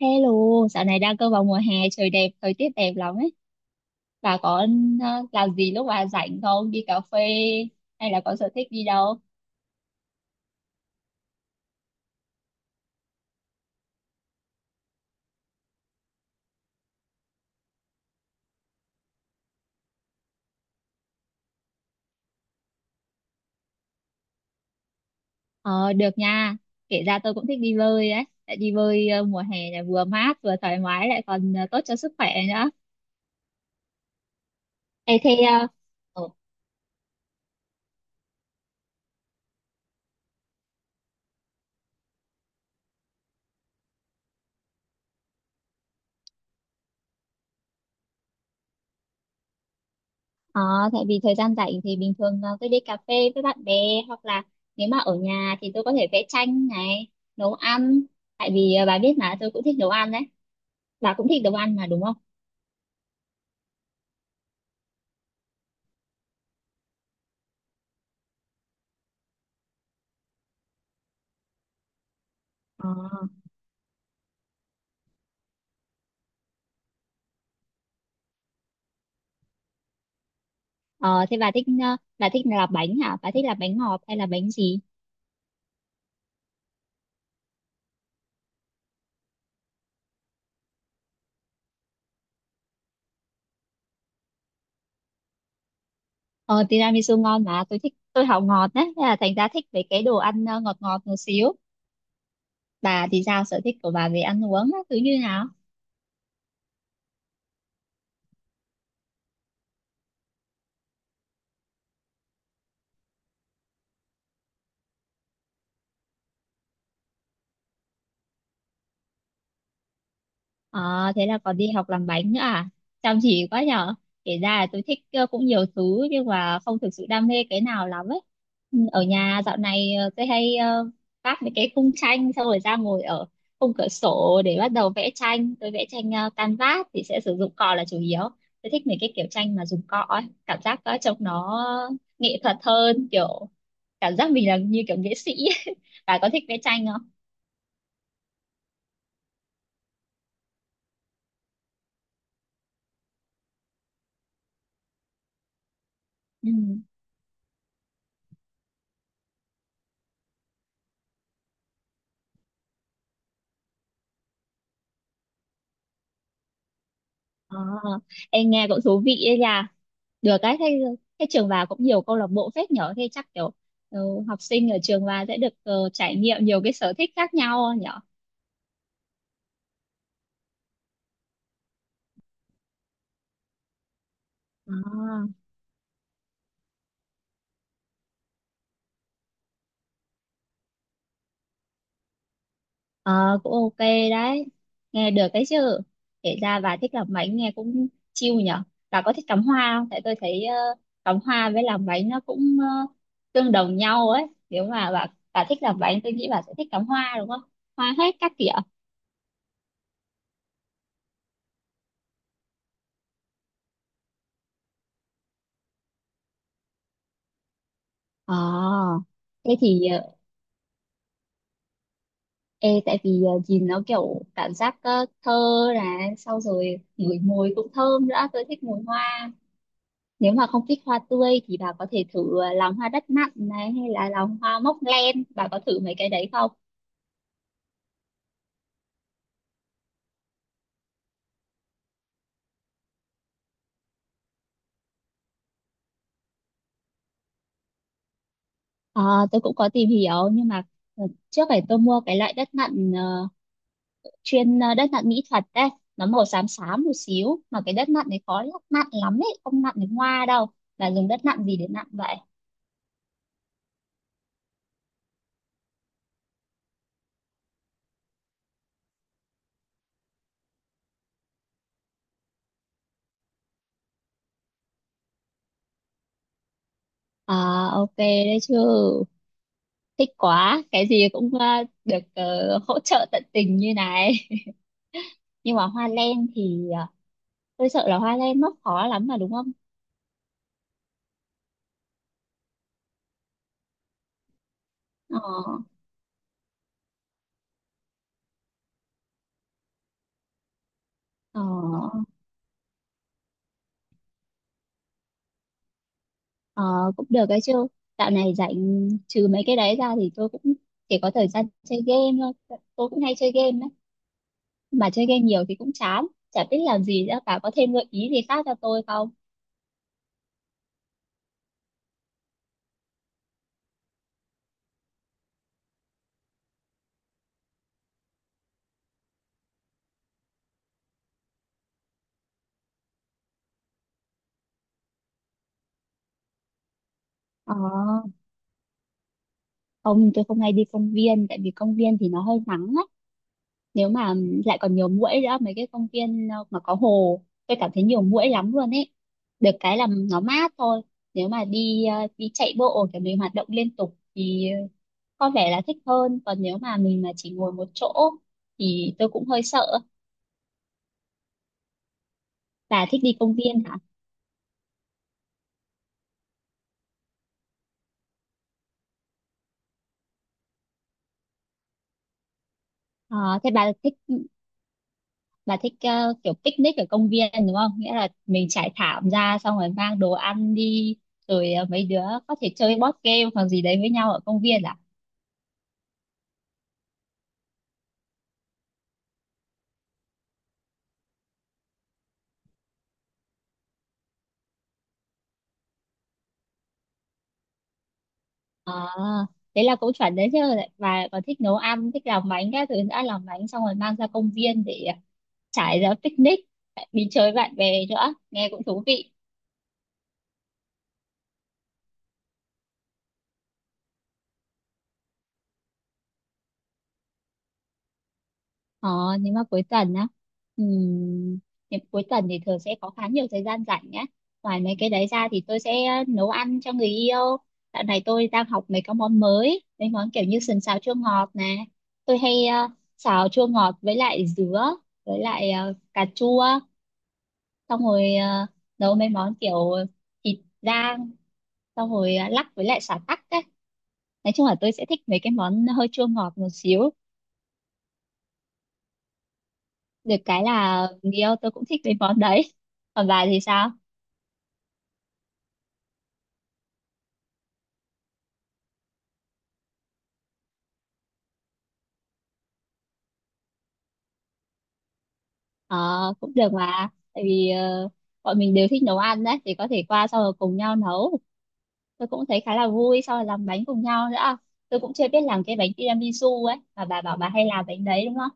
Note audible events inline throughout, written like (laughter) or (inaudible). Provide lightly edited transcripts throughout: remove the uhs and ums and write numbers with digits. Hello, dạo này đang cơ vào mùa hè, trời đẹp, thời tiết đẹp lắm ấy. Bà có làm gì lúc bà rảnh không? Đi cà phê hay là có sở thích đi đâu? Ờ, được nha. Kể ra tôi cũng thích đi bơi đấy. Tại đi bơi mùa hè là vừa mát, vừa thoải mái, lại còn tốt cho sức khỏe nữa. Ê, thế, ờ, ờ, tại vì thời gian rảnh thì bình thường tôi đi cà phê với bạn bè, hoặc là nếu mà ở nhà thì tôi có thể vẽ tranh này, nấu ăn. Tại vì bà biết mà tôi cũng thích nấu ăn đấy. Bà cũng thích nấu ăn mà đúng không? Ờ. Ờ, thế bà thích, bà thích là bánh hả? Bà thích là bánh ngọt hay là bánh gì? Ờ, Tiramisu ngon mà tôi thích, tôi học ngọt đấy, thế là thành ra thích về cái đồ ăn ngọt ngọt một xíu. Bà thì sao, sở thích của bà về ăn uống á, thứ như nào? À, thế là còn đi học làm bánh nữa à? Chăm chỉ quá nhở. Kể ra là tôi thích cũng nhiều thứ nhưng mà không thực sự đam mê cái nào lắm ấy. Ừ. Ở nhà dạo này tôi hay vác mấy cái khung tranh xong rồi ra ngồi ở khung cửa sổ để bắt đầu vẽ tranh. Tôi vẽ tranh canvas thì sẽ sử dụng cọ là chủ yếu. Tôi thích mấy cái kiểu tranh mà dùng cọ ấy. Cảm giác trông nó nghệ thuật hơn, kiểu cảm giác mình là như kiểu nghệ sĩ ấy. (laughs) Bà có thích vẽ tranh không? Ừ. À, em nghe cũng thú vị ấy nhỉ, được cái thế, thế trường bà cũng nhiều câu lạc bộ phết nhỏ, thế chắc kiểu ừ, học sinh ở trường bà sẽ được trải nghiệm nhiều cái sở thích khác nhau nhỏ. À, ờ, cũng ok đấy, nghe được cái chứ. Kể ra bà thích làm bánh nghe cũng chill nhở. Bà có thích cắm hoa không, tại tôi thấy cắm hoa với làm bánh nó cũng tương đồng nhau ấy. Nếu mà bà thích làm bánh tôi nghĩ bà sẽ thích cắm hoa đúng không, hoa hết các kiểu. Ờ, thế thì ê, tại vì nhìn nó kiểu cảm giác thơ, là sau rồi ngửi mùi cũng thơm nữa, tôi thích mùi hoa. Nếu mà không thích hoa tươi thì bà có thể thử lòng hoa đất nặn này hay là lòng hoa móc len, bà có thử mấy cái đấy không? Ờ, tôi cũng có tìm hiểu nhưng mà ờ, trước này tôi mua cái loại đất nặn chuyên đất nặn mỹ thuật đấy, nó màu xám xám một xíu mà cái đất nặn này khó lắc nặn lắm ấy, không nặn được hoa đâu. Bà dùng đất nặn gì để nặn vậy? À ok đấy chứ, thích quá, cái gì cũng được hỗ trợ tận tình như này. (laughs) Nhưng mà hoa len thì tôi sợ là hoa len nó khó lắm mà đúng không? ờ ờ ờ, Cũng được đấy chứ. Dạo này rảnh trừ mấy cái đấy ra thì tôi cũng chỉ có thời gian chơi game thôi, tôi cũng hay chơi game đấy, mà chơi game nhiều thì cũng chán, chả biết làm gì nữa cả, có thêm gợi ý gì khác cho tôi không? ờ Không, tôi không hay đi công viên tại vì công viên thì nó hơi nắng á. Nếu mà lại còn nhiều muỗi nữa, mấy cái công viên mà có hồ tôi cảm thấy nhiều muỗi lắm luôn ấy, được cái là nó mát thôi. Nếu mà đi đi chạy bộ kiểu mình hoạt động liên tục thì có vẻ là thích hơn, còn nếu mà mình mà chỉ ngồi một chỗ thì tôi cũng hơi sợ. Bà thích đi công viên hả? Ờ, thế bà thích, kiểu picnic ở công viên đúng không, nghĩa là mình trải thảm ra xong rồi mang đồ ăn đi, rồi mấy đứa có thể chơi board game hoặc gì đấy với nhau ở công viên à? À, thế là cũng chuẩn đấy chứ, và còn thích nấu ăn thích làm bánh các thứ, đã làm bánh xong rồi mang ra công viên để trải ra picnic, lại đi chơi bạn bè nữa, nghe cũng thú vị. ờ nhưng mà cuối tuần á, ừm, thì cuối tuần thì thường sẽ có khá nhiều thời gian rảnh nhá. Ngoài mấy cái đấy ra thì tôi sẽ nấu ăn cho người yêu. Dạo này tôi đang học mấy cái món mới, mấy món kiểu như sườn xào chua ngọt nè, tôi hay xào chua ngọt với lại dứa với lại cà chua, xong rồi nấu mấy món kiểu thịt rang, xong rồi lắc với lại sả tắc ấy. Nói chung là tôi sẽ thích mấy cái món hơi chua ngọt một xíu, được cái là người yêu tôi cũng thích mấy món đấy. Còn bà thì sao? Ờ, cũng được mà, tại vì bọn mình đều thích nấu ăn đấy thì có thể qua sau rồi cùng nhau nấu, tôi cũng thấy khá là vui, sau rồi làm bánh cùng nhau nữa. Tôi cũng chưa biết làm cái bánh tiramisu ấy, mà bà bảo bà hay làm bánh đấy đúng không?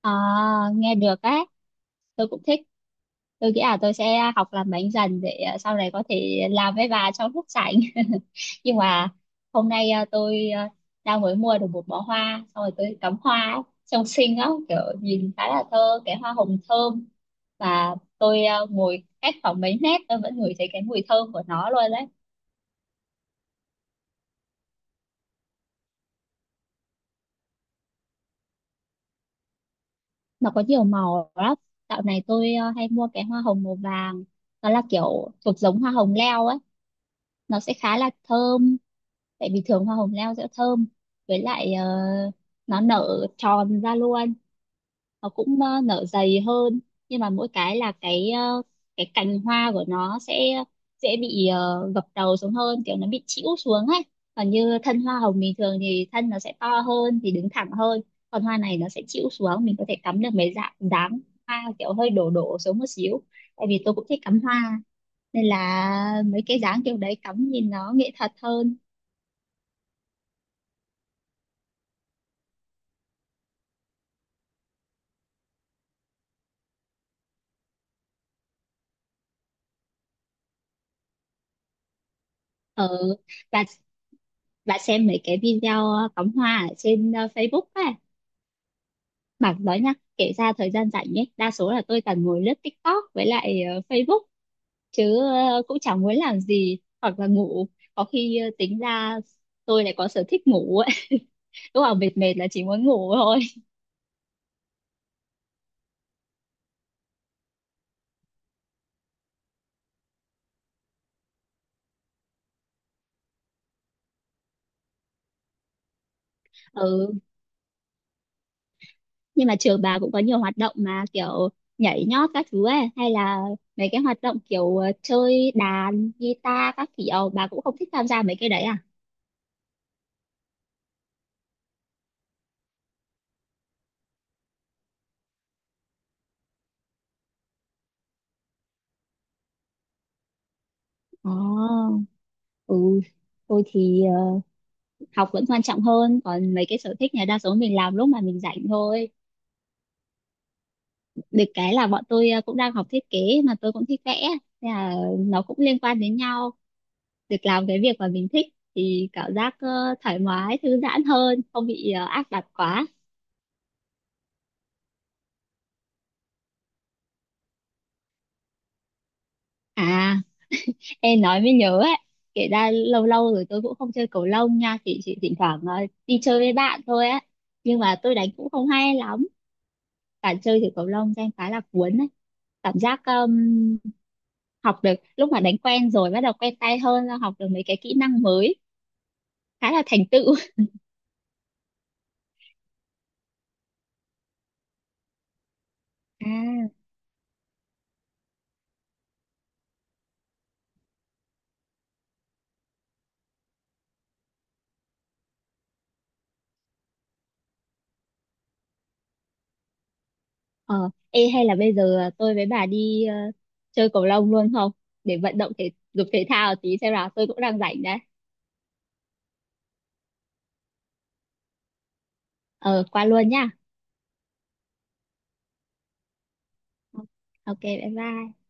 À, nghe được á. Tôi cũng thích, tôi nghĩ là tôi sẽ học làm bánh dần để à, sau này có thể làm với bà trong lúc rảnh. (laughs) Nhưng mà hôm nay à, tôi à, đang mới mua được một bó hoa xong rồi tôi cắm hoa ấy, trông xinh lắm, kiểu nhìn khá là thơ, cái hoa hồng thơm. Và tôi à, ngồi cách khoảng mấy mét tôi vẫn ngửi thấy cái mùi thơm của nó luôn đấy. Nó có nhiều màu lắm, dạo này tôi à, hay mua cái hoa hồng màu vàng, nó là kiểu thuộc giống hoa hồng leo ấy, nó sẽ khá là thơm tại vì thường hoa hồng leo sẽ thơm, với lại nó nở tròn ra luôn, nó cũng nở dày hơn. Nhưng mà mỗi cái là cái cái cành hoa của nó sẽ dễ bị gập đầu xuống hơn, kiểu nó bị chĩu xuống ấy. Còn như thân hoa hồng bình thường thì thân nó sẽ to hơn thì đứng thẳng hơn, còn hoa này nó sẽ chĩu xuống, mình có thể cắm được mấy dạng dáng hoa kiểu hơi đổ đổ xuống một xíu. Tại vì tôi cũng thích cắm hoa nên là mấy cái dáng kiểu đấy cắm nhìn nó nghệ thuật hơn. ở và và xem mấy cái video cắm hoa ở trên Facebook ấy. Bảo nói nhá, kể ra thời gian rảnh ấy đa số là tôi toàn ngồi lướt TikTok với lại Facebook, chứ cũng chẳng muốn làm gì hoặc là ngủ. Có khi tính ra tôi lại có sở thích ngủ ấy. (laughs) Lúc nào mệt mệt là chỉ muốn ngủ thôi. Ừ, nhưng mà trường bà cũng có nhiều hoạt động mà kiểu nhảy nhót các thứ ấy, hay là mấy cái hoạt động kiểu chơi đàn guitar các kiểu, bà cũng không thích tham gia mấy cái đấy à? Ồ, ừ, tôi thì học vẫn quan trọng hơn, còn mấy cái sở thích này đa số mình làm lúc mà mình rảnh thôi. Được cái là bọn tôi cũng đang học thiết kế mà tôi cũng thích vẽ nên là nó cũng liên quan đến nhau, được làm cái việc mà mình thích thì cảm giác thoải mái thư giãn hơn, không bị áp đặt quá. À, ê nói mới nhớ ấy, kể ra lâu lâu rồi tôi cũng không chơi cầu lông nha. Chỉ thỉnh thoảng đi chơi với bạn thôi á. Nhưng mà tôi đánh cũng không hay lắm. Bạn chơi thử cầu lông cho em khá là cuốn ấy. Cảm giác học được, lúc mà đánh quen rồi bắt đầu quen tay hơn là học được mấy cái kỹ năng mới, khá là thành tựu. (laughs) À, ờ, ê hay là bây giờ tôi với bà đi chơi cầu lông luôn không? Để vận động thể dục thể thao tí xem nào, tôi cũng đang rảnh đấy. Ờ qua luôn nhá. Ok bye bye.